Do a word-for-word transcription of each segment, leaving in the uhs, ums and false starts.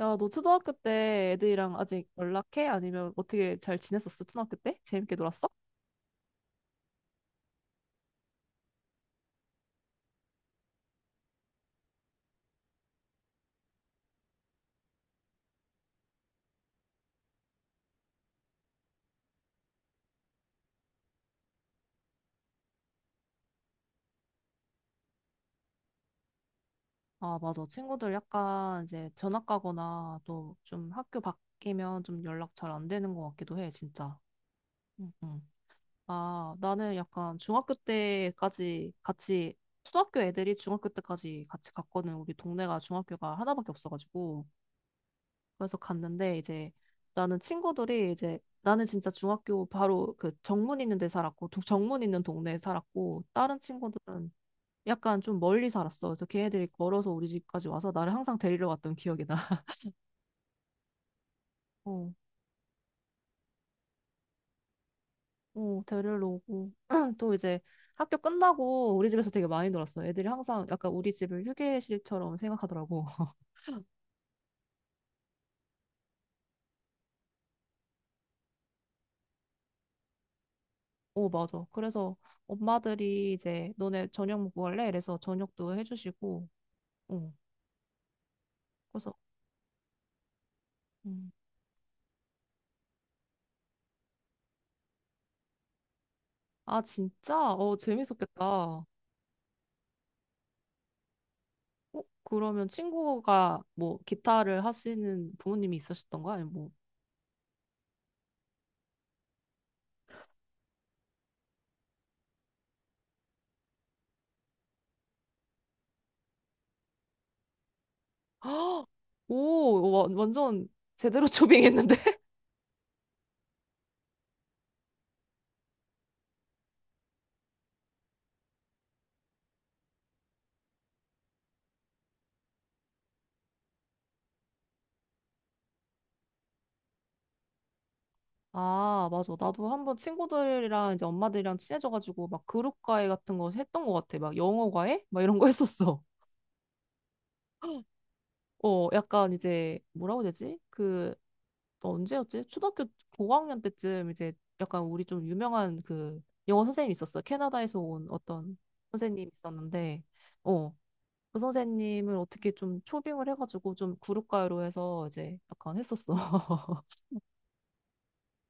야, 너 초등학교 때 애들이랑 아직 연락해? 아니면 어떻게 잘 지냈었어? 초등학교 때? 재밌게 놀았어? 아, 맞아. 친구들 약간 이제 전학 가거나 또 좀 학교 바뀌면 좀 연락 잘 안 되는 것 같기도 해, 진짜. 응, 응. 아, 나는 약간 중학교 때까지 같이, 초등학교 애들이 중학교 때까지 같이 갔거든. 우리 동네가 중학교가 하나밖에 없어가지고. 그래서 갔는데 이제 나는 친구들이 이제 나는 진짜 중학교 바로 그 정문 있는 데 살았고 도- 정문 있는 동네에 살았고 다른 친구들은 약간 좀 멀리 살았어. 그래서 걔네들이 걸어서 우리 집까지 와서 나를 항상 데리러 갔던 기억이 나. 어, 어, 데리러 오고 또 이제 학교 끝나고 우리 집에서 되게 많이 놀았어. 애들이 항상 약간 우리 집을 휴게실처럼 생각하더라고. 어, 맞아. 그래서 엄마들이 이제 너네 저녁 먹고 갈래? 이래서 저녁도 해주시고, 어, 그래서 아, 진짜? 어, 재밌었겠다. 어, 그러면 친구가 뭐 기타를 하시는 부모님이 있으셨던 거야? 아니면 뭐. 오, 와, 완전 제대로 초빙했는데? 아, 맞아. 나도 한번 친구들이랑 이제 엄마들이랑 친해져가지고 막 그룹 과외 같은 거 했던 것 같아. 막 영어 과외? 막 이런 거 했었어. 어, 약간 이제 뭐라고 해야 되지? 그 또 언제였지? 초등학교 고학년 때쯤 이제 약간 우리 좀 유명한 그 영어 선생님이 있었어. 캐나다에서 온 어떤 선생님이 있었는데, 어, 그 선생님을 어떻게 좀 초빙을 해가지고 좀 그룹가요로 해서 이제 약간 했었어.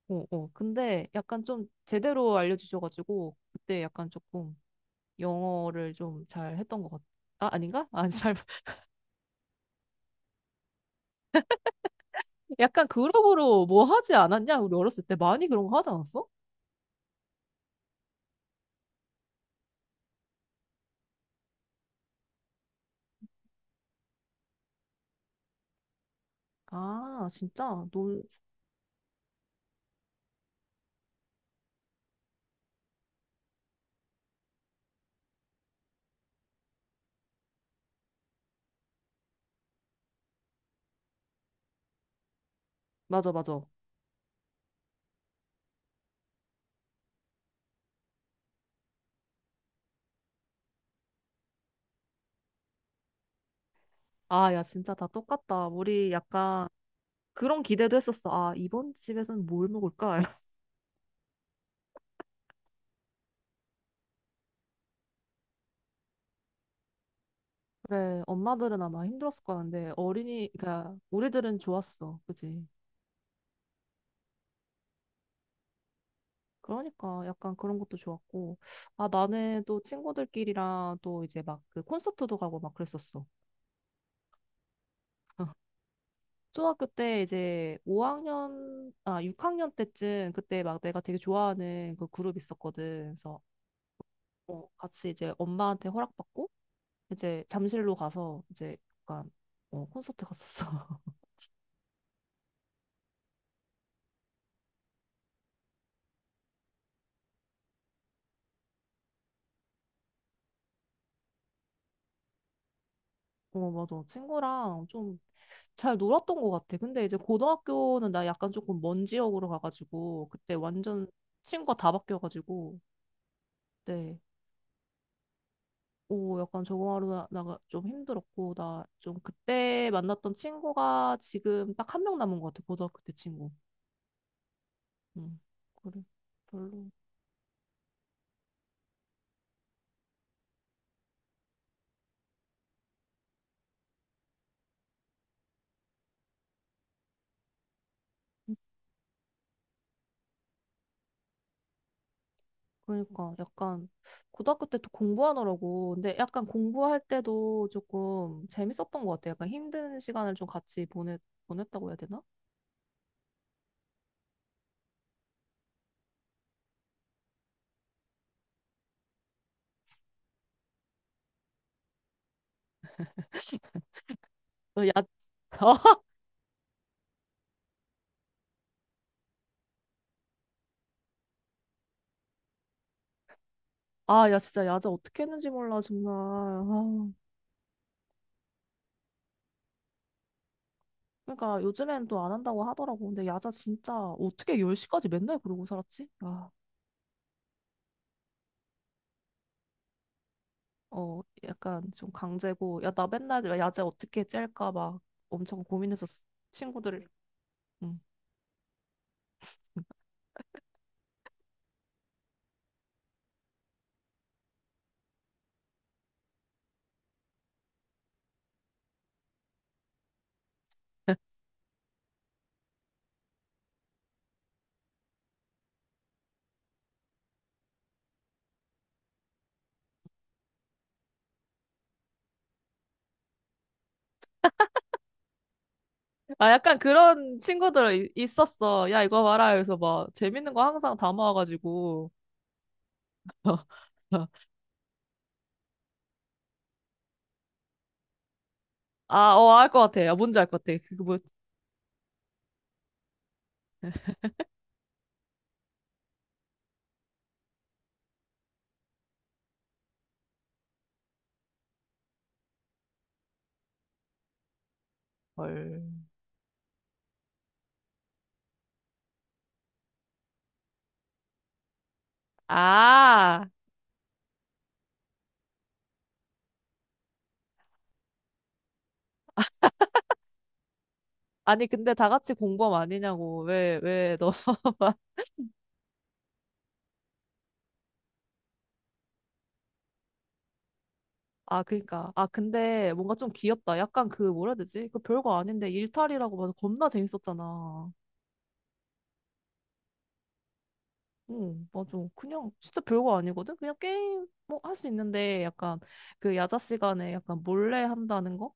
어, 어. 근데 약간 좀 제대로 알려주셔가지고 그때 약간 조금 영어를 좀 잘 했던 것 같아. 아, 아닌가? 아, 잘. 약간 그룹으로 뭐 하지 않았냐? 우리 어렸을 때 많이 그런 거 하지 않았어? 아, 진짜? 놀, 맞아, 맞아. 아, 야, 진짜 다 똑같다. 우리 약간 그런 기대도 했었어. 아, 이번 집에서는 뭘 먹을까? 그래, 엄마들은 아마 힘들었을 거야. 근데 어린이, 그러니까 우리들은 좋았어. 그지? 그러니까 약간 그런 것도 좋았고. 아, 나는 또 친구들끼리랑 또 이제 막 그 콘서트도 가고 막 그랬었어. 초등학교 때 이제 오 학년, 아, 육 학년 때쯤 그때 막 내가 되게 좋아하는 그 그룹 있었거든. 그래서 어, 같이 이제 엄마한테 허락받고 이제 잠실로 가서 이제 약간 어, 콘서트 갔었어. 어, 맞아. 친구랑 좀 잘 놀았던 것 같아. 근데 이제 고등학교는 나 약간 조금 먼 지역으로 가가지고 그때 완전 친구가 다 바뀌어가지고 네. 오, 약간 적응하러 나- 나가 좀 힘들었고 나 좀 그때 만났던 친구가 지금 딱 한 명 남은 것 같아. 고등학교 때 친구. 음 그래. 별로. 그러니까 약간 고등학교 때 또 공부하느라고 근데 약간 공부할 때도 조금 재밌었던 것 같아요. 약간 힘든 시간을 좀 같이 보냈 보냈다고 해야 되나? 어, 야, 아, 야 진짜 야자 어떻게 했는지 몰라 정말. 아, 그러니까 요즘엔 또 안 한다고 하더라고. 근데 야자 진짜 어떻게 열 시까지 맨날 그러고 살았지? 아, 어, 약간 좀 강제고 야 나 맨날 야자 어떻게 짤까 막 엄청 고민해서 친구들. 응. 아, 약간 그런 친구들 이- 있었어. 야, 이거 봐라. 그래서 막 재밌는 거 항상 담아와가지고. 아, 어, 알 것 같아. 야, 뭔지 알 것 같아. 그거 뭐, 헐. 아, 아니, 근데 다 같이 공범 아니냐고. 왜, 왜, 너. 아, 그니까. 아, 근데 뭔가 좀 귀엽다. 약간 그, 뭐라 해야 되지? 그 별거 아닌데 일탈이라고 봐서 겁나 재밌었잖아. 응, 맞아. 그냥 진짜 별거 아니거든? 그냥 게임 뭐 할 수 있는데 약간 그 야자 시간에 약간 몰래 한다는 거?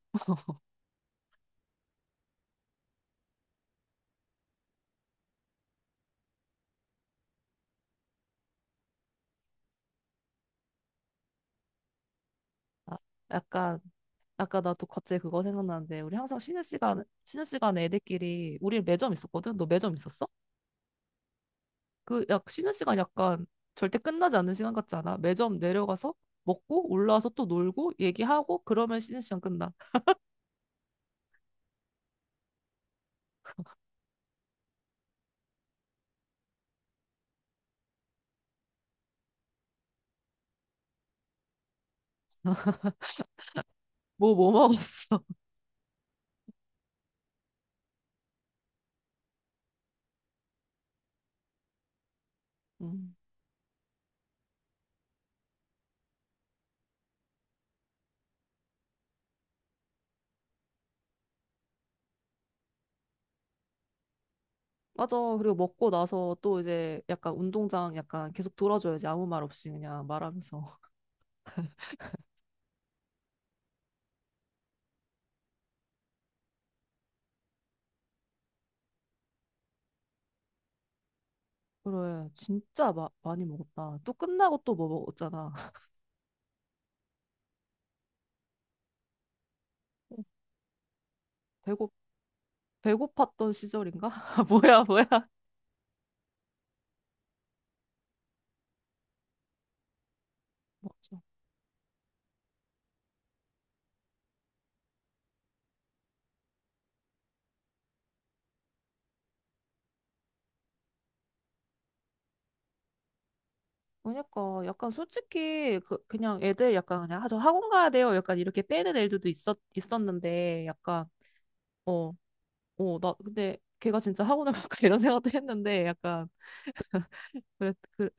아, 약간 아까 나 또 갑자기 그거 생각나는데 우리 항상 쉬는 시간 쉬는 시간에 애들끼리 우리 매점 있었거든. 너 매점 있었어? 그 약 쉬는 시간 약간 절대 끝나지 않는 시간 같지 않아? 매점 내려가서 먹고 올라와서 또 놀고 얘기하고 그러면 쉬는 시간 끝나. 뭐 뭐 먹었어? 음. 맞아. 그리고 먹고 나서 또 이제 약간 운동장 약간 계속 돌아줘야지 아무 말 없이 그냥 말하면서. 그래. 진짜 마, 많이 먹었다. 또 끝나고 또 뭐 먹었잖아. 배고 배고팠던 시절인가? 뭐야 뭐야. 맞아. 그러니까 약간 솔직히 그 그냥 애들 약간 그냥 아저 학원 가야 돼요. 약간 이렇게 빼는 애들도 있었 있었는데 약간 어, 어, 나 근데 걔가 진짜 학원을 갈까 이런 생각도 했는데 약간 그래 그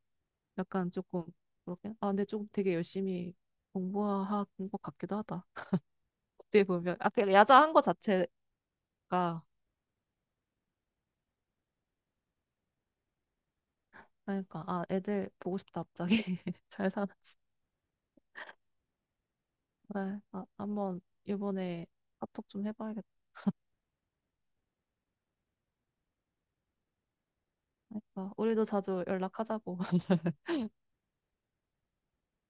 약간 조금 그렇게 아 근데 좀 되게 열심히 공부한 것 같기도 하다. 그때 보면 아그 야자한 거 자체가 그러니까 아 애들 보고 싶다 갑자기 잘 사는지. 그래 아 한번 이번에 카톡 좀 해봐야겠다. 우리도 자주 연락하자고.